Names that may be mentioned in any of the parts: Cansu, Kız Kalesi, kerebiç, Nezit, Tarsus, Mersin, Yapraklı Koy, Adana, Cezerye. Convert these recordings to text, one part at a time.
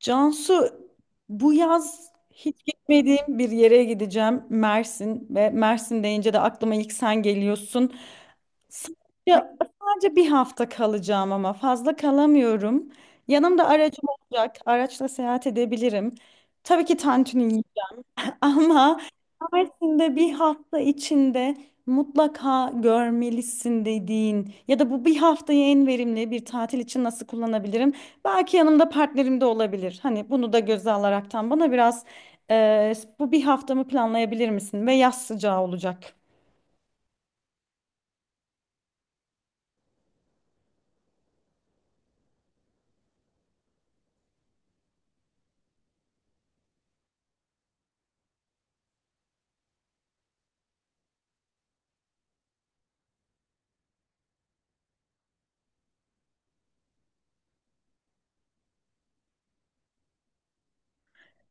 Cansu, bu yaz hiç gitmediğim bir yere gideceğim. Mersin ve Mersin deyince de aklıma ilk sen geliyorsun. Sadece, sadece bir hafta kalacağım ama fazla kalamıyorum. Yanımda aracım olacak. Araçla seyahat edebilirim. Tabii ki tantuni. Ama Mersin'de bir hafta içinde mutlaka görmelisin dediğin ya da bu bir haftayı en verimli bir tatil için nasıl kullanabilirim? Belki yanımda partnerim de olabilir. Hani bunu da göze alaraktan bana biraz e, bu bir haftamı planlayabilir misin? Ve yaz sıcağı olacak.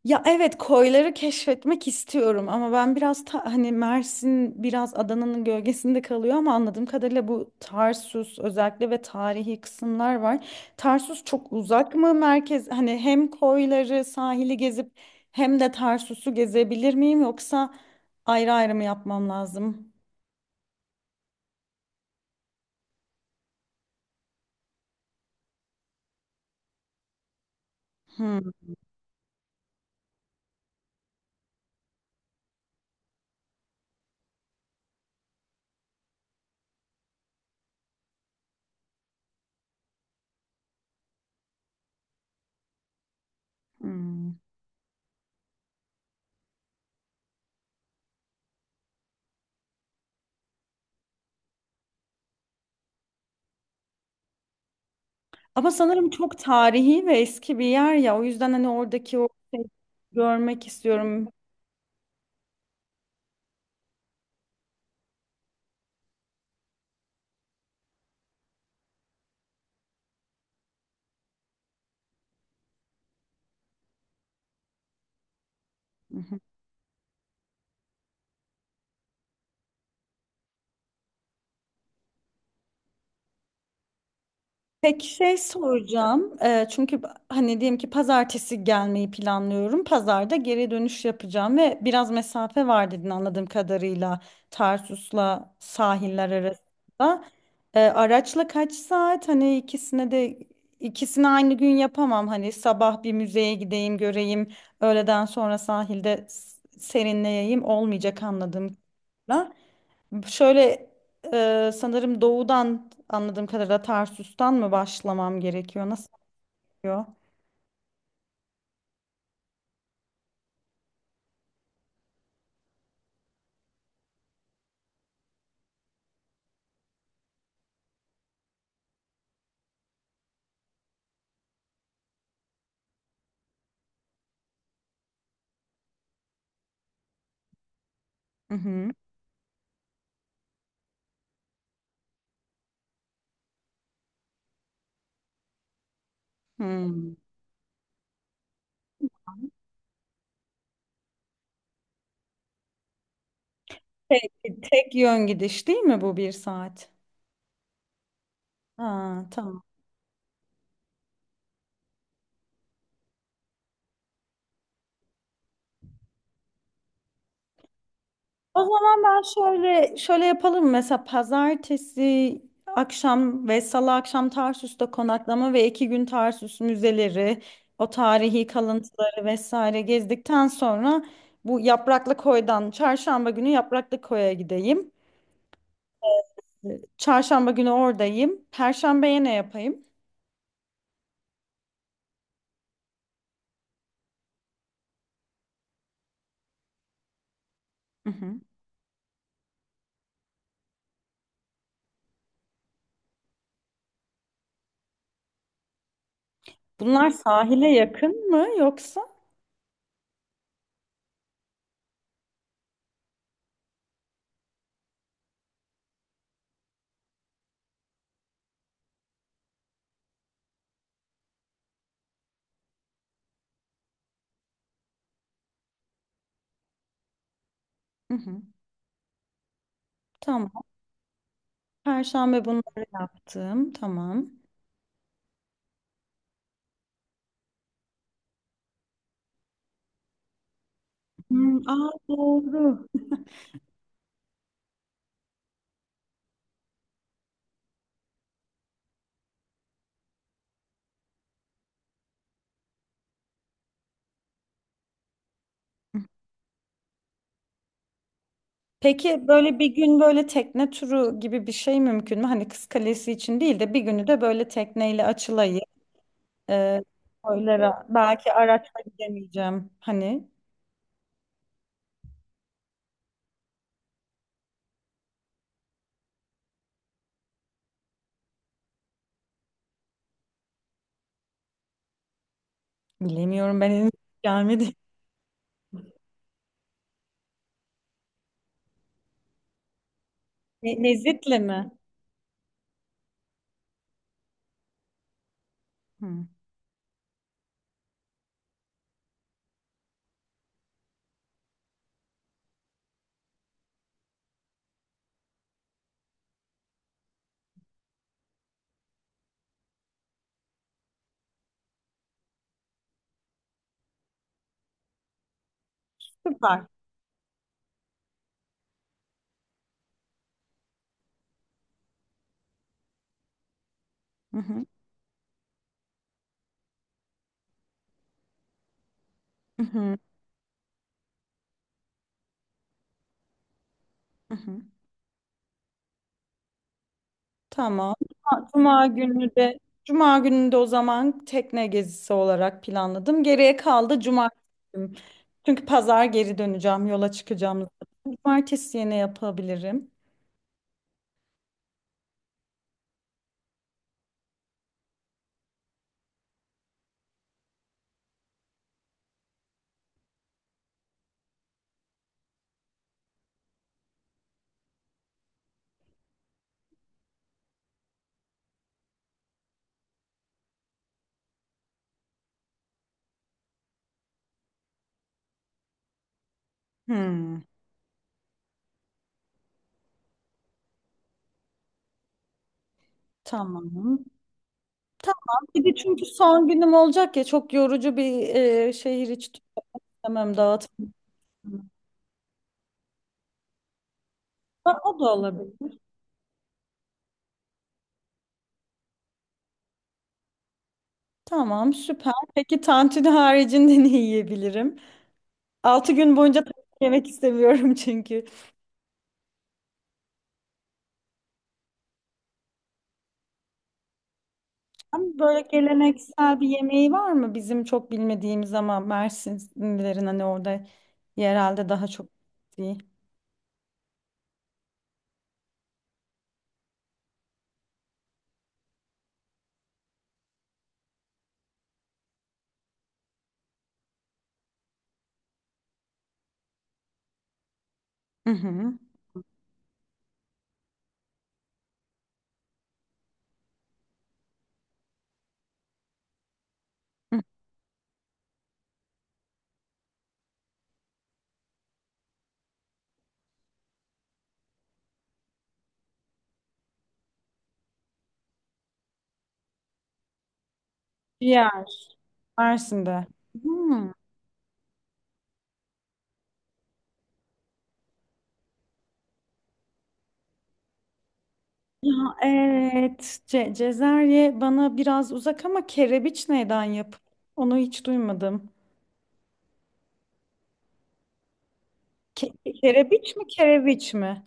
Ya evet, koyları keşfetmek istiyorum ama ben biraz hani Mersin biraz Adana'nın gölgesinde kalıyor ama anladığım kadarıyla bu Tarsus özellikle ve tarihi kısımlar var. Tarsus çok uzak mı merkez, hani hem koyları, sahili gezip hem de Tarsus'u gezebilir miyim, yoksa ayrı ayrı mı yapmam lazım? Hmm, hmm. Ama sanırım çok tarihi ve eski bir yer ya, o yüzden hani oradaki o şeyi görmek istiyorum. Peki şey soracağım. Çünkü hani diyelim ki pazartesi gelmeyi planlıyorum. Pazarda geri dönüş yapacağım ve biraz mesafe var dedin anladığım kadarıyla Tarsus'la sahiller arasında. Araçla kaç saat? Hani ikisine de ikisini aynı gün yapamam. Hani sabah bir müzeye gideyim, göreyim. Öğleden sonra sahilde serinleyeyim olmayacak anladığım kadarıyla. Şöyle sanırım doğudan anladığım kadarıyla Tarsus'tan mı başlamam gerekiyor? Nasıl yapıyor? Hı hı. Hmm. Tek, tek yön gidiş değil mi bu bir saat? Ha, tamam. O zaman ben şöyle şöyle yapalım. Mesela pazartesi akşam ve salı akşam Tarsus'ta konaklama ve 2 gün Tarsus müzeleri, o tarihi kalıntıları vesaire gezdikten sonra bu Yapraklı Koy'dan çarşamba günü Yapraklı Koy'a gideyim. Çarşamba günü oradayım. Perşembeye ne yapayım? Hı hı. Bunlar sahile yakın mı yoksa? Hı hı. Tamam. Perşembe bunları yaptım. Tamam. Hmm, aa, doğru. Peki böyle bir gün böyle tekne turu gibi bir şey mümkün mü? Hani Kız Kalesi için değil de bir günü de böyle tekneyle açılayı, e, koylara belki araçla gidemeyeceğim. Hani bilemiyorum, ben henüz gelmedi. Nezit'le mi? Hı. Süper. Hı hı, hı hı, hı hı. Tamam. Cuma günü de o zaman tekne gezisi olarak planladım. Geriye kaldı cumartesi günü. Çünkü pazar geri döneceğim, yola çıkacağım zaten. Cumartesi yine yapabilirim. Hmm, tamam. Tamam. Bir de çünkü son günüm olacak ya, çok yorucu bir şehir içi istemem dağıtım. Ha, o da olabilir. Tamam, süper. Peki tantuni haricinde ne yiyebilirim? 6 gün boyunca tavuk yemek istemiyorum çünkü. Ama böyle geleneksel bir yemeği var mı? Bizim çok bilmediğimiz ama Mersinlilerin hani orada yerelde daha çok bildiği. Hı hı. Hı. Ciğer, Mersin'de. Hmm. Ya evet, cezerye bana biraz uzak ama kerebiç neyden yap? Onu hiç duymadım. Ke kerebiç mi, kereviç mi?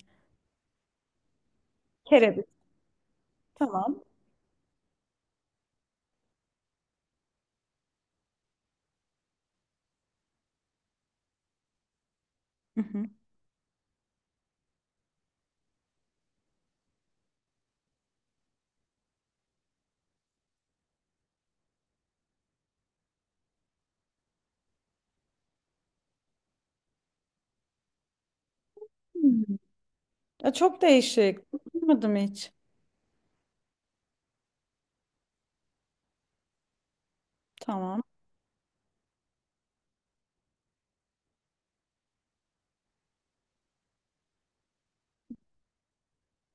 Kerebiç, tamam. Hı hı. Hmm. Ya çok değişik, duymadım hiç. Tamam.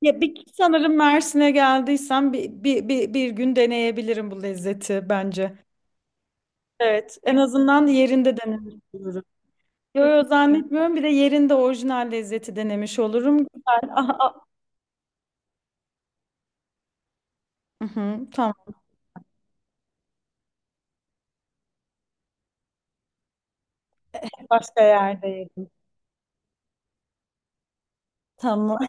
Ya bir sanırım Mersin'e geldiysem bir gün deneyebilirim bu lezzeti bence. Evet, en azından yerinde denemiş olurum. Yo, yo, zannetmiyorum. Bir de yerinde orijinal lezzeti denemiş olurum. Güzel. Aha, aha. Hı hı, tamam. Başka yerde yerim. Tamam.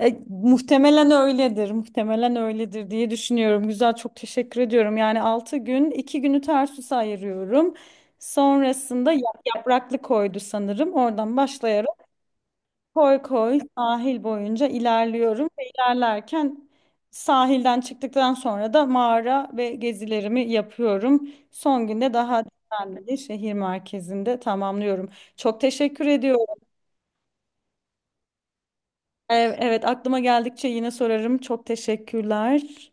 E, muhtemelen öyledir, muhtemelen öyledir diye düşünüyorum. Güzel, çok teşekkür ediyorum. Yani 6 gün, 2 günü tersus ayırıyorum. Sonrasında yapraklı koydu sanırım. Oradan başlayarak koy koy sahil boyunca ilerliyorum ve ilerlerken sahilden çıktıktan sonra da mağara ve gezilerimi yapıyorum. Son günde daha düzenli bir şehir merkezinde tamamlıyorum. Çok teşekkür ediyorum. Evet, aklıma geldikçe yine sorarım. Çok teşekkürler.